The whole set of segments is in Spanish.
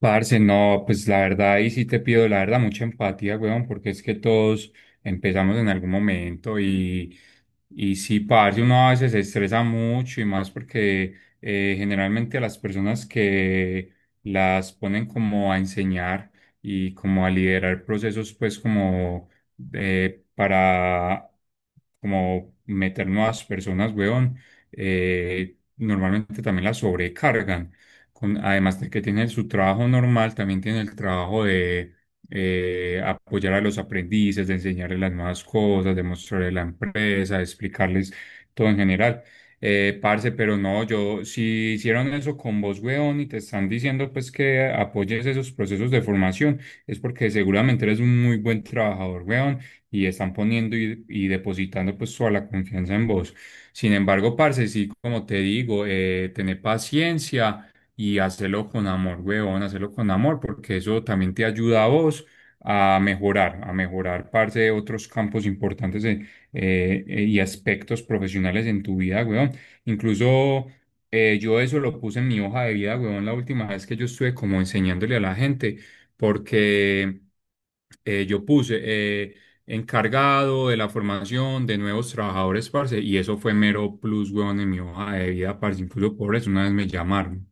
Parce, no, pues la verdad, ahí sí te pido, la verdad, mucha empatía, weón, porque es que todos empezamos en algún momento y sí, parce, uno a veces se estresa mucho y más porque generalmente a las personas que las ponen como a enseñar y como a liderar procesos, pues como para como meter nuevas personas, weón, normalmente también las sobrecargan además de que tiene su trabajo normal, también tiene el trabajo de apoyar a los aprendices, de enseñarles las nuevas cosas, de mostrarles la empresa, de explicarles todo en general. Parce, pero no, yo, si hicieron eso con vos, weón, y te están diciendo pues que apoyes esos procesos de formación, es porque seguramente eres un muy buen trabajador, weón, y están poniendo y depositando pues toda la confianza en vos. Sin embargo, parce, sí, como te digo, tener paciencia y hacerlo con amor, weón, hacerlo con amor, porque eso también te ayuda a vos a mejorar parte de otros campos importantes y aspectos profesionales en tu vida, weón. Incluso yo eso lo puse en mi hoja de vida, weón, la última vez que yo estuve como enseñándole a la gente, porque yo puse... encargado de la formación de nuevos trabajadores, parce, y eso fue mero plus, weón, en mi hoja de vida, parce, incluso por eso una vez me llamaron.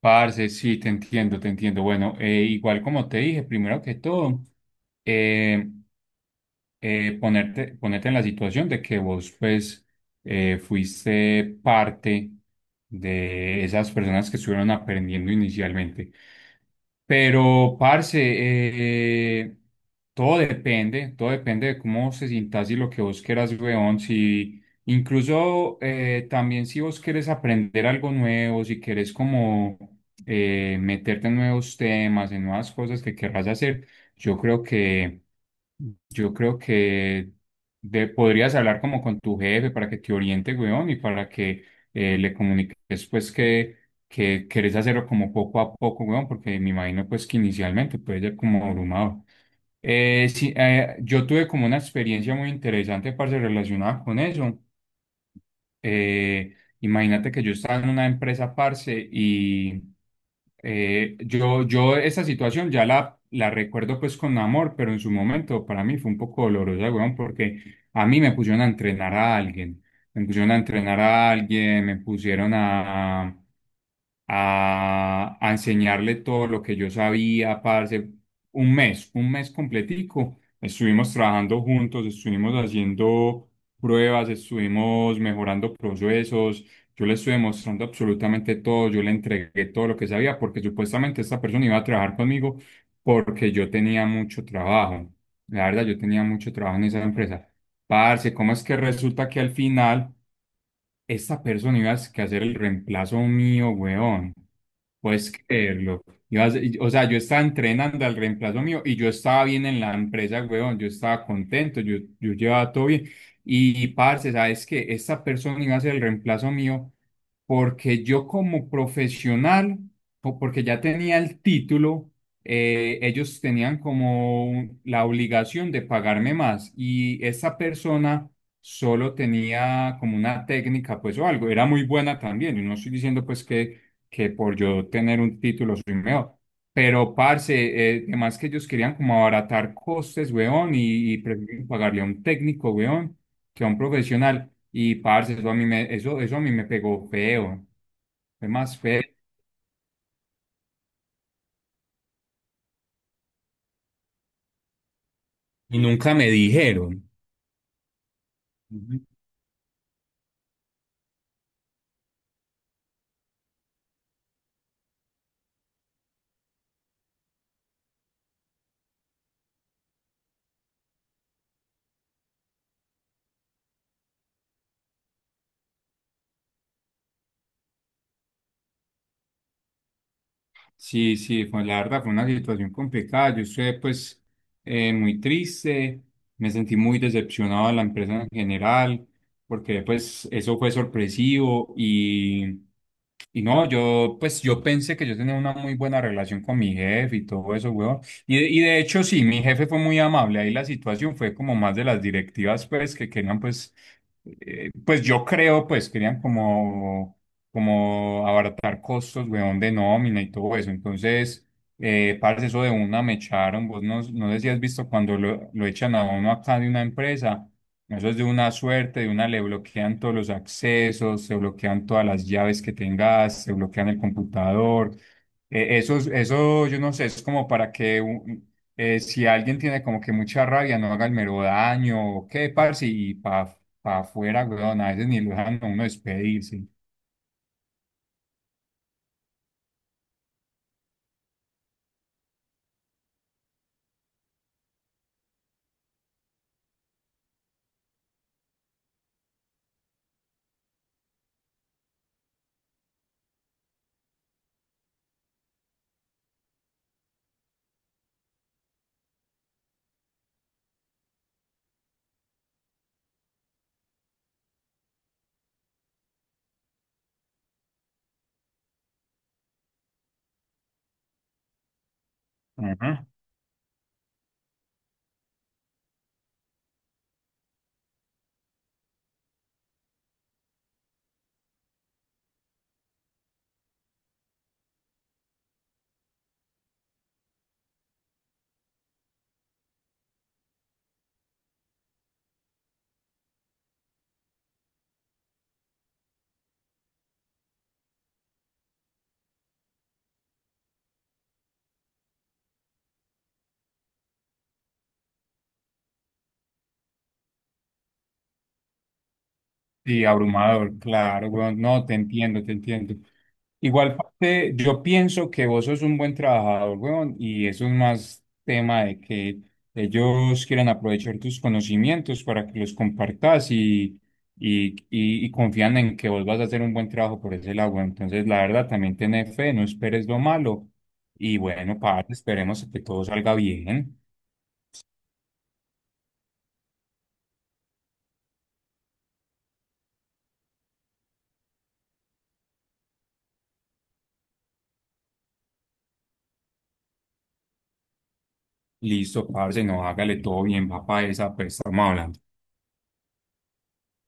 Parce, sí, te entiendo, te entiendo. Bueno, igual como te dije, primero que todo, eh, ponerte en la situación de que vos, pues, fuiste parte de esas personas que estuvieron aprendiendo inicialmente. Pero, parce, eh, todo depende de cómo se sientas y lo que vos quieras, weón. Si, incluso también si vos quieres aprender algo nuevo, si quieres como meterte en nuevos temas, en nuevas cosas que querrás hacer, yo creo que yo creo que de- podrías hablar como con tu jefe para que te oriente, weón, y para que le comuniques pues que querés hacerlo como poco a poco, weón, porque me imagino pues que inicialmente puede ser como abrumado. Sí, yo tuve como una experiencia muy interesante, parce, relacionada con eso. Eh, Imagínate que yo estaba en una empresa, parce, y yo esa situación ya la recuerdo pues con amor, pero en su momento para mí fue un poco dolorosa, weón, porque a mí me pusieron a entrenar a alguien, me pusieron a entrenar a alguien, me pusieron a enseñarle todo lo que yo sabía, parce. Un mes completico. Estuvimos trabajando juntos, estuvimos haciendo pruebas, estuvimos mejorando procesos. Yo le estuve mostrando absolutamente todo, yo le entregué todo lo que sabía, porque supuestamente esta persona iba a trabajar conmigo porque yo tenía mucho trabajo. La verdad, yo tenía mucho trabajo en esa empresa. Parce, ¿cómo es que resulta que al final... esta persona ibas que hacer el reemplazo mío, weón? ¿Puedes creerlo? O sea, yo estaba entrenando al reemplazo mío y yo estaba bien en la empresa, weón. Yo estaba contento, yo llevaba todo bien. Y, parce, ¿sabes qué? Esta persona iba a ser el reemplazo mío porque yo como profesional, o porque ya tenía el título, ellos tenían como la obligación de pagarme más. Y esa persona solo tenía como una técnica, pues o algo, era muy buena también. Yo no estoy diciendo pues que por yo tener un título soy mejor, pero parce, además que ellos querían como abaratar costes, weón, y prefieren pagarle a un técnico, weón, que a un profesional. Y parce, eso a mí me pegó feo, fue más feo. Y nunca me dijeron. Sí, sí, fue, la verdad fue una situación complicada. Yo estuve pues muy triste, me sentí muy decepcionado de la empresa en general, porque pues eso fue sorpresivo y no, yo pensé que yo tenía una muy buena relación con mi jefe y todo eso, weón. Y de hecho sí, mi jefe fue muy amable, ahí la situación fue como más de las directivas pues que querían pues, pues yo creo pues querían como abaratar costos, weón, de nómina y todo eso. Entonces, parce, eso de una me echaron. Vos no, no sé si has visto cuando lo echan a uno acá de una empresa. Eso es de una suerte, de una le bloquean todos los accesos, se bloquean todas las llaves que tengas, se bloquean el computador. Yo no sé, es como para que si alguien tiene como que mucha rabia, no haga el mero daño o qué, parce, pa afuera, weón, a veces ni lo dejan a uno despedirse. Ujú. Sí, abrumador, claro, weón. No, te entiendo, te entiendo. Igual parte, yo pienso que vos sos un buen trabajador, weón, y eso es más tema de que ellos quieran aprovechar tus conocimientos para que los compartas y confían en que vos vas a hacer un buen trabajo por ese lado, weón. Entonces, la verdad, también tené fe, no esperes lo malo. Y bueno, parce, esperemos que todo salga bien. Listo, parce, no, hágale todo bien, papá, esa, pues estamos hablando.